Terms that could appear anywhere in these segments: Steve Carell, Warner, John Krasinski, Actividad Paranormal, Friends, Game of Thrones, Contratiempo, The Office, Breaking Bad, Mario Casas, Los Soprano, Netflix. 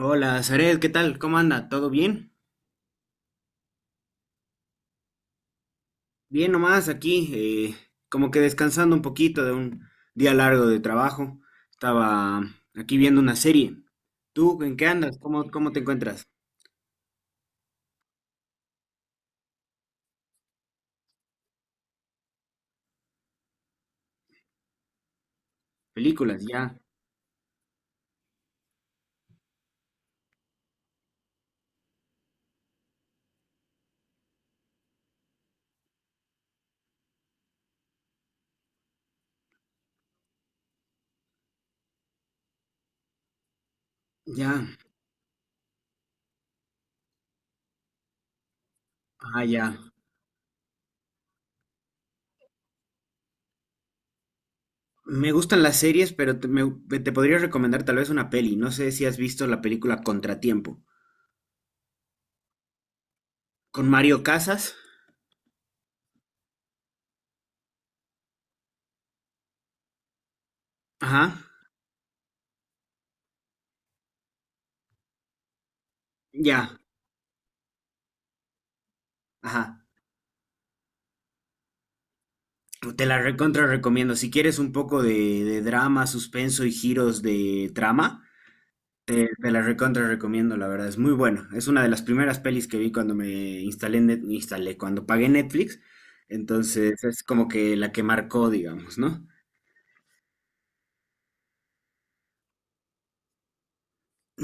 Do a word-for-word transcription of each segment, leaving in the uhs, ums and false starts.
Hola, Zaret, ¿qué tal? ¿Cómo anda? ¿Todo bien? Bien nomás aquí, eh, como que descansando un poquito de un día largo de trabajo. Estaba aquí viendo una serie. ¿Tú en qué andas? ¿Cómo, cómo te encuentras? Películas, ya, ya, ah, ya. Me gustan las series, pero te, me- te podría recomendar tal vez una peli. No sé si has visto la película Contratiempo. Con Mario Casas. Ajá, ya, ajá. Te la recontra recomiendo. Si quieres un poco de, de drama, suspenso y giros de trama, te la recontra recomiendo, la verdad. Es muy buena. Es una de las primeras pelis que vi cuando me instalé, en Net- instalé, cuando pagué Netflix. Entonces es como que la que marcó, digamos, ¿no?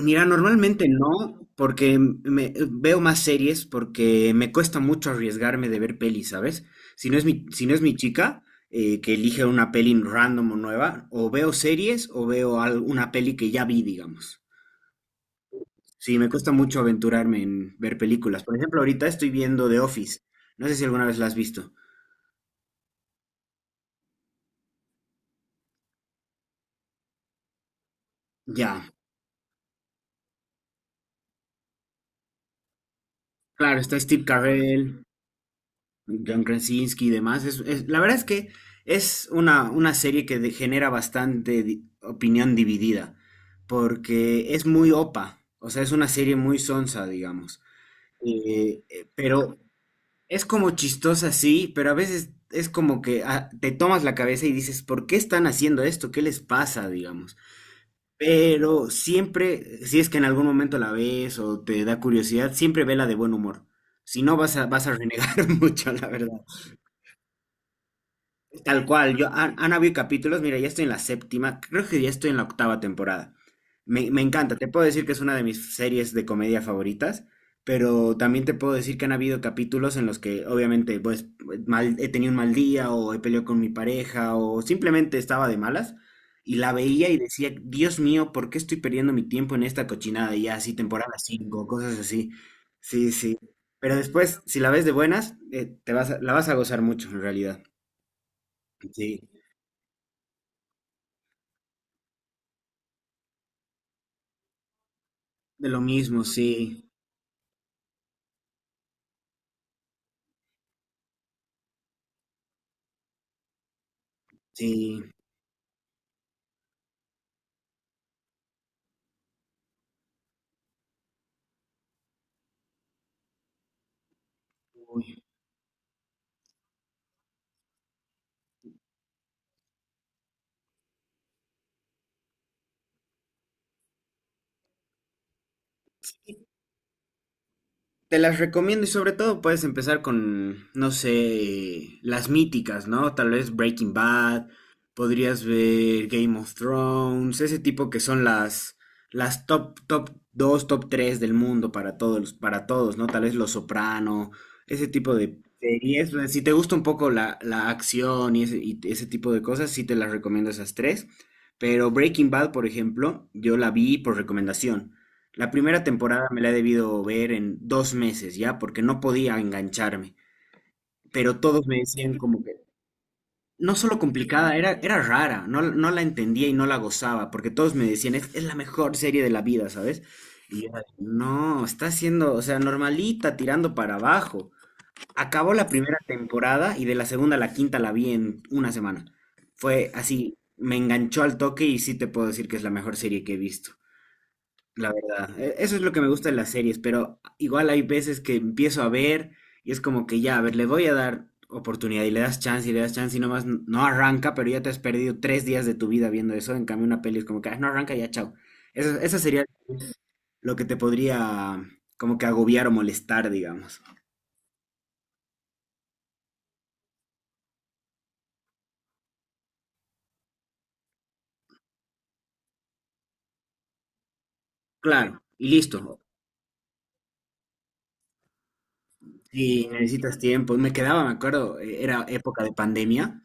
Mira, normalmente no, porque me, veo más series, porque me cuesta mucho arriesgarme de ver pelis, ¿sabes? Si no es mi, si no es mi chica, eh, que elige una peli random o nueva, o veo series o veo al- una peli que ya vi, digamos. Sí, me cuesta mucho aventurarme en ver películas. Por ejemplo, ahorita estoy viendo The Office. No sé si alguna vez la has visto. Ya, claro, está Steve Carell. John Krasinski y demás. Es, es- la verdad es que es una, una serie que de- genera bastante di- opinión dividida, porque es muy opa, o sea, es una serie muy sonsa, digamos. Eh, eh, pero es como chistosa, sí, pero a veces es como que ah, te tomas la cabeza y dices, ¿por qué están haciendo esto? ¿Qué les pasa, digamos? Pero siempre, si es que en algún momento la ves o te da curiosidad, siempre vela de buen humor. Si no, vas a, vas a renegar mucho, la verdad. Tal cual, yo han, han habido capítulos, mira, ya estoy en la séptima, creo que ya estoy en la octava temporada. Me, me encanta, te puedo decir que es una de mis series de comedia favoritas, pero también te puedo decir que han habido capítulos en los que obviamente pues mal, he tenido un mal día o he peleado con mi pareja o simplemente estaba de malas y la veía y decía, Dios mío, ¿por qué estoy perdiendo mi tiempo en esta cochinada? Y ya así, temporada cinco cosas así. Sí, sí. Pero después, si la ves de buenas, eh, te vas a- la vas a gozar mucho en realidad. Sí. De lo mismo, sí, sí. Uy. Te las recomiendo y sobre todo puedes empezar con, no sé, las míticas, ¿no? Tal vez Breaking Bad, podrías ver Game of Thrones, ese tipo que son las, las top, top dos top tres del mundo para todos, para todos, ¿no? Tal vez Los Soprano, ese tipo de series. O sea, si te gusta un poco la, la acción y ese, y ese tipo de cosas, sí te las recomiendo esas tres. Pero Breaking Bad, por ejemplo, yo la vi por recomendación. La primera temporada me la he debido ver en dos meses ya, porque no podía engancharme. Pero todos me decían como que, no solo complicada, era, era rara, no, no la entendía y no la gozaba, porque todos me decían, es, es la mejor serie de la vida, ¿sabes? Y yo, no, está siendo, o sea, normalita, tirando para abajo. Acabó la primera temporada y de la segunda a la quinta la vi en una semana. Fue así, me enganchó al toque y sí te puedo decir que es la mejor serie que he visto. La verdad, e- eso es lo que me gusta de las series, pero igual hay veces que empiezo a ver y es como que ya, a ver, le voy a dar oportunidad y le das chance y le das chance y nomás n- no arranca, pero ya te has perdido tres días de tu vida viendo eso. En cambio, una peli es como que "Ah, no arranca, ya chao." Eso, eso sería lo que te podría como que agobiar o molestar, digamos. Claro, y listo. Sí, necesitas tiempo. Me quedaba, me acuerdo, eh, era época de pandemia,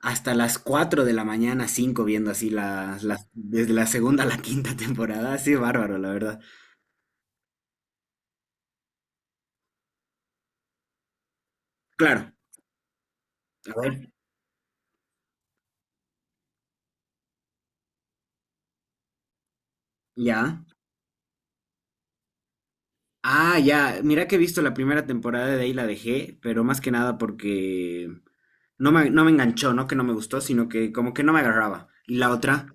hasta las cuatro de la mañana, cinco viendo así las, las, desde la segunda a la quinta temporada. Así bárbaro, la verdad. Claro, a ver, ya. Ah, ya. Mira que he visto la primera temporada, de ahí la dejé, pero más que nada porque no me, no me enganchó, no que no me gustó, sino que como que no me agarraba. Y la otra,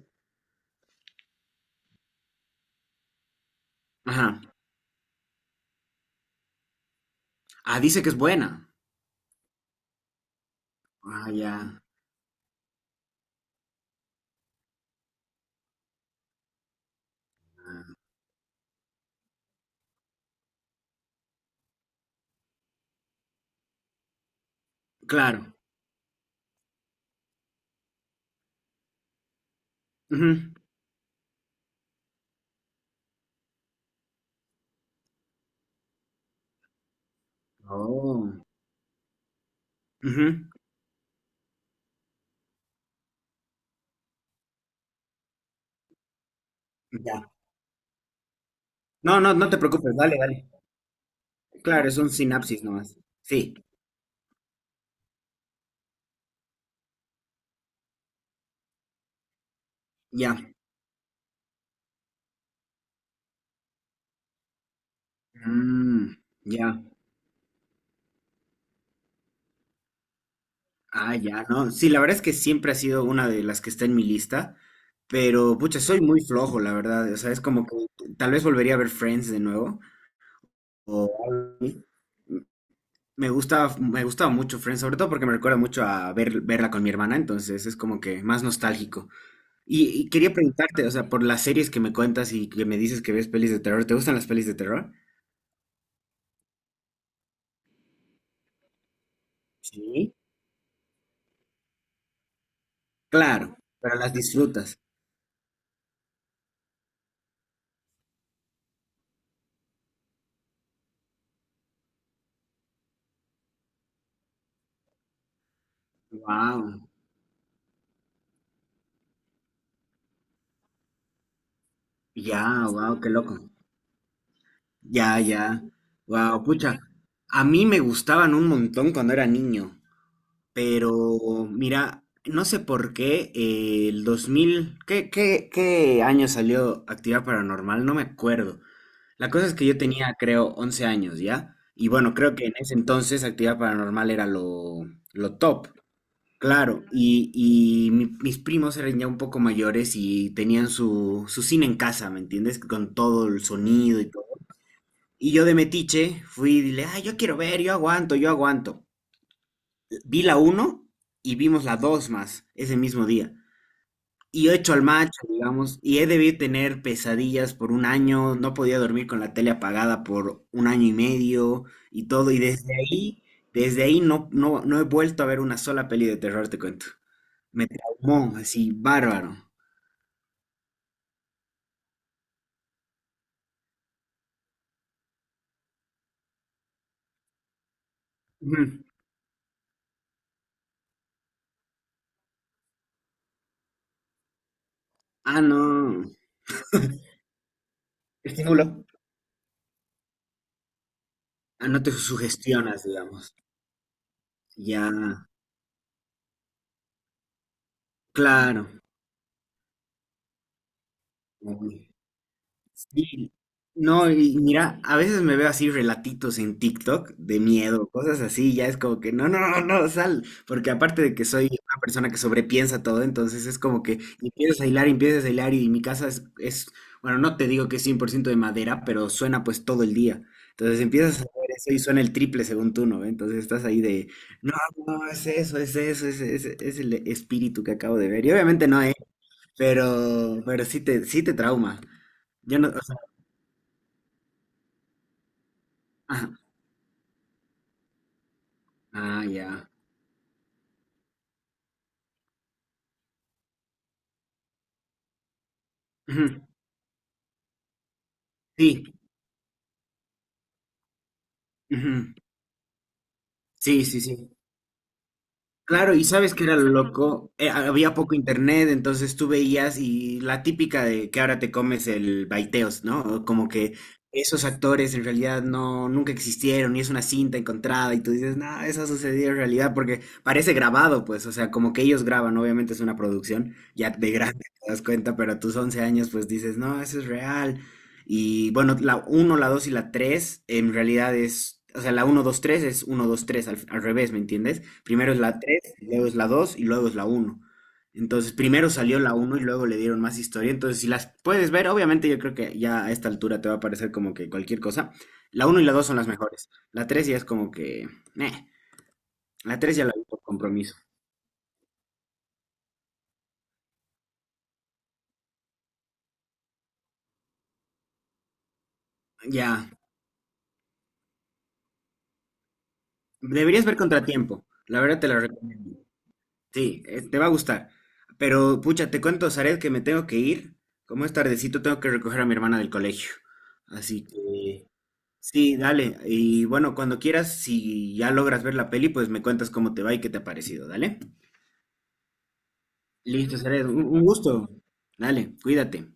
ajá. Ah, dice que es buena. Ah, ya. Claro. Ujú. Oh. Ujú. Ya, no, no, no te preocupes, dale, dale. Claro, es un sinapsis nomás. Sí, ya. Mm, ya. Ah, ya, no. Sí, la verdad es que siempre ha sido una de las que está en mi lista, pero pucha, soy muy flojo, la verdad. O sea, es como que tal vez volvería a ver Friends de nuevo. O algo así. me gusta, me gustaba mucho Friends, sobre todo porque me recuerda mucho a ver, verla con mi hermana, entonces es como que más nostálgico. Y, y quería preguntarte, o sea, por las series que me cuentas y que me dices que ves pelis de terror, ¿te gustan las pelis de terror? Sí. Claro, pero las disfrutas. Wow, ya, wow, qué loco. Ya, ya. Wow, pucha. A mí me gustaban un montón cuando era niño, pero mira, no sé por qué eh, el dos mil, ¿qué, qué, ¿qué año salió Actividad Paranormal? No me acuerdo. La cosa es que yo tenía, creo, once años, ¿ya? Y bueno, creo que en ese entonces Actividad Paranormal era lo, lo top. Claro, y, y mi- mis primos eran ya un poco mayores y tenían su, su cine en casa, ¿me entiendes? Con todo el sonido y todo. Y yo de metiche fui y dile, ah, yo quiero ver, yo aguanto, yo aguanto. Vi la uno y vimos la dos más ese mismo día. Y yo hecho al macho, digamos, y he debido tener pesadillas por un año, no podía dormir con la tele apagada por un año y medio y todo. Y desde ahí, desde ahí no, no, no he vuelto a ver una sola peli de terror, te cuento. Me traumó, así, bárbaro. Ujú. Ah, no. Estímulo. Ah, no te sugestionas, digamos. Ya, claro. Y- no, y mira, a veces me veo así relatitos en TikTok de miedo, cosas así, ya es como que no, no, no, no, sal, porque aparte de que soy una persona que sobrepiensa todo, entonces es como que empiezas a hilar, empiezas a hilar y mi casa es, es, bueno, no te digo que es cien por ciento de madera, pero suena pues todo el día. Entonces empiezas a ver eso y suena el triple según tú, ¿no? Entonces estás ahí de, no, no, es eso, es eso, es, es, es el espíritu que acabo de ver. Y obviamente no, ¿eh? Pero, pero sí te, sí te trauma. Yo no, o sea, ajá. Ah, ya. Ujú. Sí. Ujú. Sí, sí, sí. Claro, y sabes que era lo loco. Eh, había poco internet, entonces tú veías y la típica de que ahora te comes el baiteos, ¿no? O como que esos actores en realidad no, nunca existieron y es una cinta encontrada y tú dices, no, eso ha sucedido en realidad porque parece grabado, pues, o sea, como que ellos graban, obviamente es una producción, ya de grande te das cuenta, pero a tus once años pues dices, no, eso es real. Y bueno, la uno, la dos y la tres en realidad es, o sea, la uno dos tres es uno dos tres al, al revés, ¿me entiendes? Primero es la tres, luego es la dos y luego es la uno. Entonces, primero salió la uno y luego le dieron más historia. Entonces, si las puedes ver, obviamente yo creo que ya a esta altura te va a parecer como que cualquier cosa. La uno y la dos son las mejores. La tres ya es como que... eh, la tres ya la vi por compromiso. Ya. Deberías ver Contratiempo. La verdad te la recomiendo. Sí, eh, te va a gustar. Pero, pucha, te cuento, Zaret, que me tengo que ir. Como es tardecito, tengo que recoger a mi hermana del colegio. Así que... Sí, dale. Y bueno, cuando quieras, si ya logras ver la peli, pues me cuentas cómo te va y qué te ha parecido, dale. Listo, Zaret, un un gusto. Dale, cuídate.